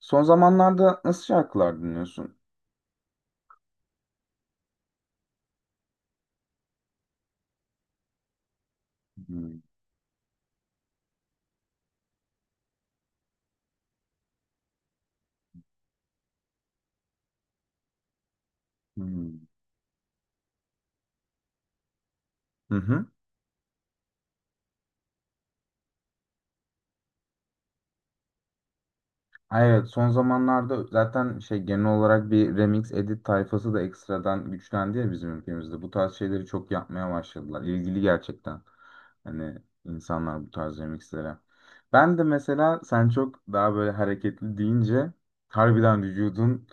Son zamanlarda nasıl şarkılar dinliyorsun? Hmm, hmm. Hı hı. Ha, evet, son zamanlarda zaten şey genel olarak bir remix edit tayfası da ekstradan güçlendi ya bizim ülkemizde. Bu tarz şeyleri çok yapmaya başladılar. İlgili gerçekten. Hani insanlar bu tarz remixlere. Ben de mesela sen çok daha böyle hareketli deyince harbiden vücudun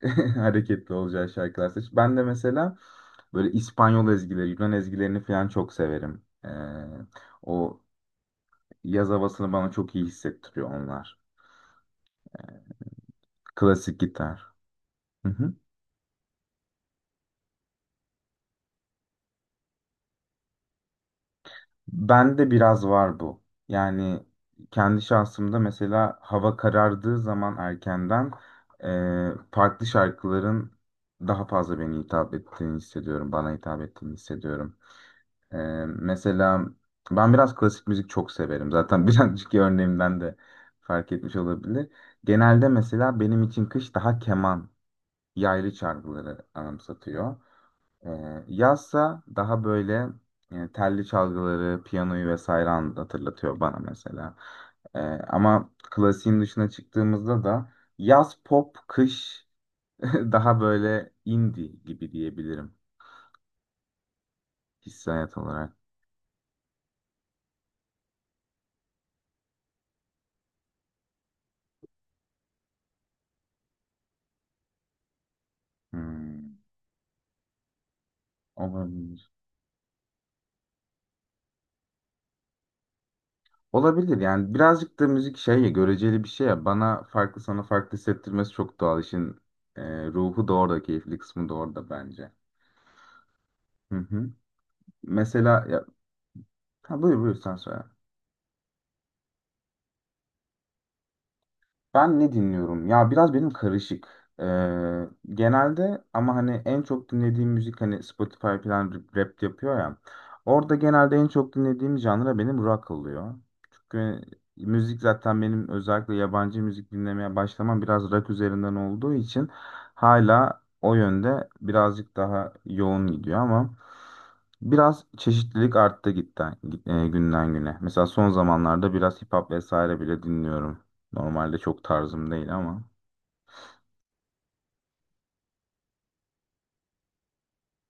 hareketli olacağı şarkılar seç. Ben de mesela böyle İspanyol ezgileri, Yunan ezgilerini falan çok severim. O yaz havasını bana çok iyi hissettiriyor onlar. Klasik gitar. Hı hı. Bende biraz var bu. Yani kendi şahsımda mesela hava karardığı zaman erkenden farklı şarkıların daha fazla beni hitap ettiğini hissediyorum. Bana hitap ettiğini hissediyorum. Mesela ben biraz klasik müzik çok severim. Zaten birazcık örneğimden de fark etmiş olabilir. Genelde mesela benim için kış daha keman, yaylı çalgıları anımsatıyor. Yazsa daha böyle telli çalgıları, piyanoyu vesaire hatırlatıyor bana mesela. Ama klasiğin dışına çıktığımızda da yaz pop, kış daha böyle indie gibi diyebilirim hissiyat olarak. Hmm, olabilir. Olabilir yani birazcık da müzik şey ya göreceli bir şey ya bana farklı sana farklı hissettirmesi çok doğal işin ruhu da orada keyifli kısmı da orada bence. Hı hı. Mesela ya ha, buyur sen söyle. Ben ne dinliyorum? Ya biraz benim karışık. Ee, genelde ama hani en çok dinlediğim müzik hani Spotify falan rap yapıyor ya. Orada genelde en çok dinlediğim janra benim rock oluyor. Çünkü müzik zaten benim özellikle yabancı müzik dinlemeye başlamam biraz rock üzerinden olduğu için hala o yönde birazcık daha yoğun gidiyor ama biraz çeşitlilik arttı gitten, günden güne. Mesela son zamanlarda biraz hip hop vesaire bile dinliyorum. Normalde çok tarzım değil ama.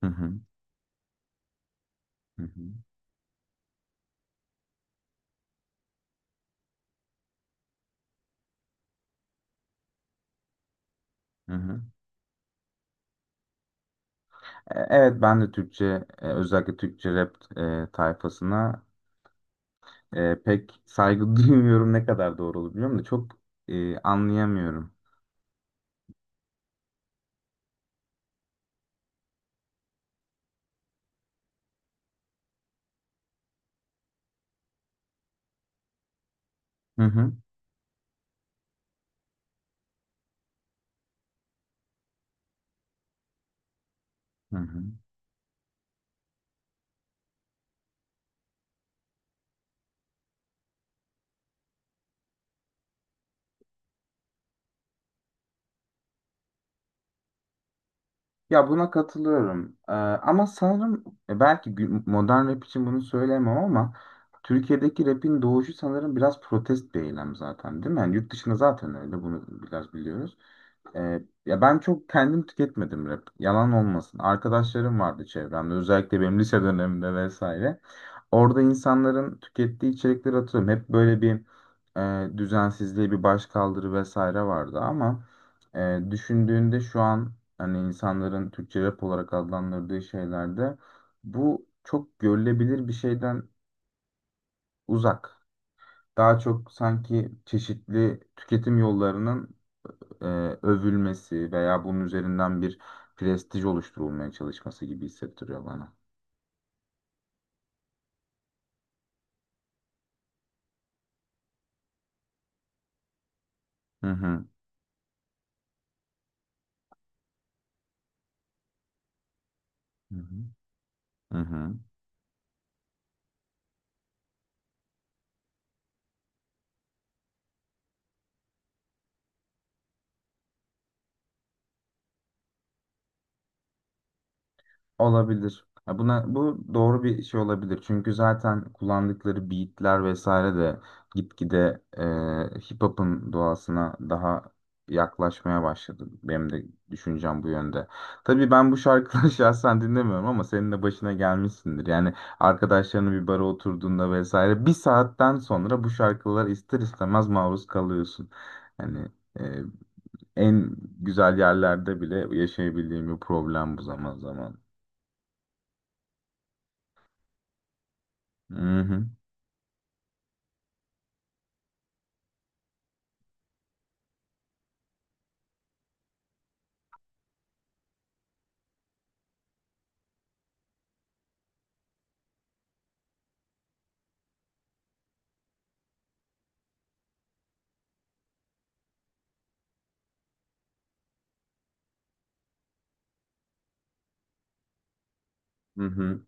Hı hı. Hı hı. Hı hı. Evet ben de Türkçe özellikle Türkçe rap tayfasına pek saygı duymuyorum ne kadar doğru olur bilmiyorum da çok anlayamıyorum. Hı hı. Hı hı. Ya buna katılıyorum. E, ama sanırım belki modern rap için bunu söyleyemem ama Türkiye'deki rapin doğuşu sanırım biraz protest bir eylem zaten değil mi? Yani yurt dışında zaten öyle bunu biraz biliyoruz. Ee, ya ben çok kendim tüketmedim rap. Yalan olmasın. Arkadaşlarım vardı çevremde. Özellikle benim lise dönemimde vesaire. Orada insanların tükettiği içerikleri hatırlıyorum. Hep böyle bir düzensizliği, bir başkaldırı vesaire vardı ama düşündüğünde şu an hani insanların Türkçe rap olarak adlandırdığı şeylerde bu çok görülebilir bir şeyden uzak. Daha çok sanki çeşitli tüketim yollarının e, övülmesi veya bunun üzerinden bir prestij oluşturulmaya çalışması gibi hissettiriyor bana. Hı hı. Hı hı. Hı hı. Olabilir. Ya buna, bu doğru bir şey olabilir. Çünkü zaten kullandıkları beatler vesaire de gitgide hip hop'un doğasına daha yaklaşmaya başladı. Benim de düşüncem bu yönde. Tabii ben bu şarkıları şahsen dinlemiyorum ama senin de başına gelmişsindir. Yani arkadaşlarının bir bara oturduğunda vesaire bir saatten sonra bu şarkılara ister istemez maruz kalıyorsun. Yani e, en güzel yerlerde bile yaşayabildiğim bir problem bu zaman zaman. Hı hı, hı hı.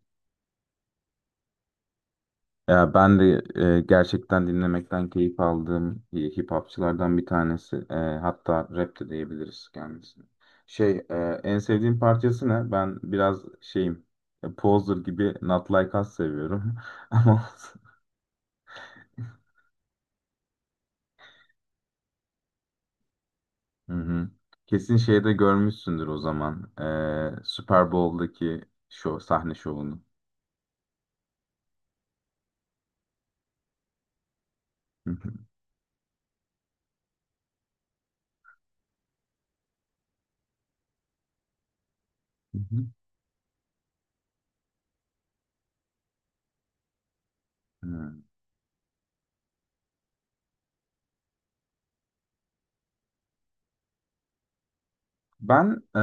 Ya ben de gerçekten dinlemekten keyif aldığım hip hopçılardan bir tanesi. E, hatta rap de diyebiliriz kendisine. Şey, en sevdiğim parçası ne? Ben biraz şeyim, Poser gibi Not Like Us seviyorum. Ama olsun. Hı hı. Kesin şeyde görmüşsündür o zaman. E, Super Bowl'daki şov, sahne şovunu. Hı hı. Hı hı. Hı. Ben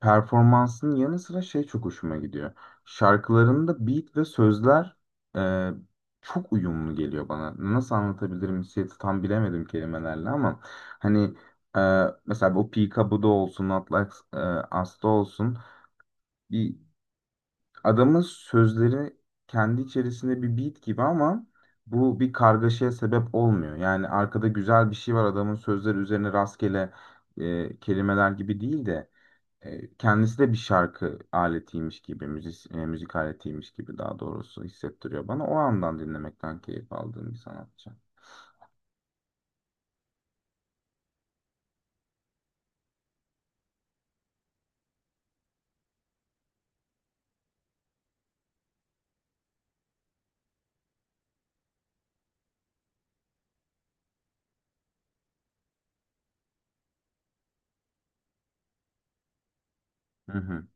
performansının yanı sıra şey çok hoşuma gidiyor. Şarkılarında beat ve sözler e, çok uyumlu geliyor bana. Nasıl anlatabilirim hissiyatı tam bilemedim kelimelerle ama hani e, mesela o Pika bu da olsun, Atlas Asta olsun bir adamın sözleri kendi içerisinde bir beat gibi ama bu bir kargaşaya sebep olmuyor. Yani arkada güzel bir şey var adamın sözleri üzerine rastgele kelimeler gibi değil de kendisi de bir şarkı aletiymiş gibi, müzik aletiymiş gibi daha doğrusu hissettiriyor bana. O andan dinlemekten keyif aldığım bir sanatçı. Hı hı,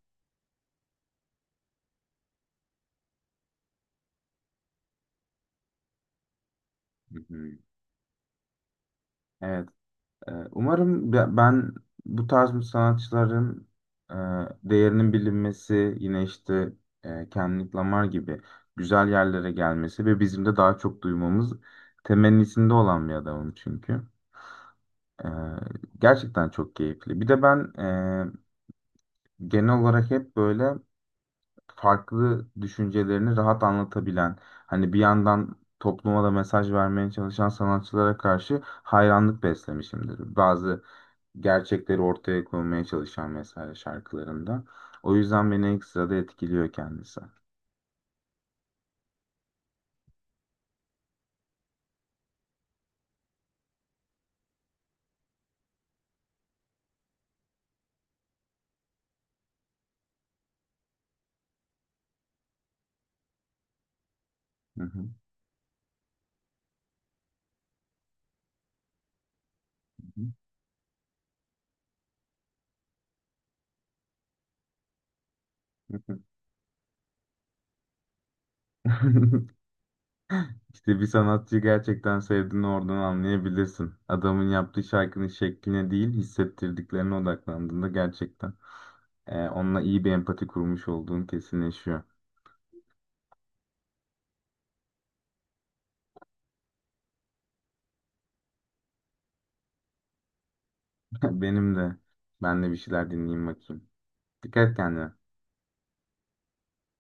hı hı. Evet. Umarım ben bu tarz bir sanatçıların e, değerinin bilinmesi, yine işte Kendrick Lamar gibi güzel yerlere gelmesi ve bizim de daha çok duymamız temennisinde olan bir adamım çünkü. E, gerçekten çok keyifli. Bir de ben genel olarak hep böyle farklı düşüncelerini rahat anlatabilen, hani bir yandan topluma da mesaj vermeye çalışan sanatçılara karşı hayranlık beslemişimdir. Bazı gerçekleri ortaya koymaya çalışan mesela şarkılarında. O yüzden beni ekstra da etkiliyor kendisi. Hı hı. İşte bir sanatçıyı gerçekten sevdiğini oradan anlayabilirsin. Adamın yaptığı şarkının şekline değil, hissettirdiklerine odaklandığında gerçekten. E, onunla iyi bir empati kurmuş olduğun kesinleşiyor. Benim de. Ben de bir şeyler dinleyeyim bakayım. Dikkat et kendine.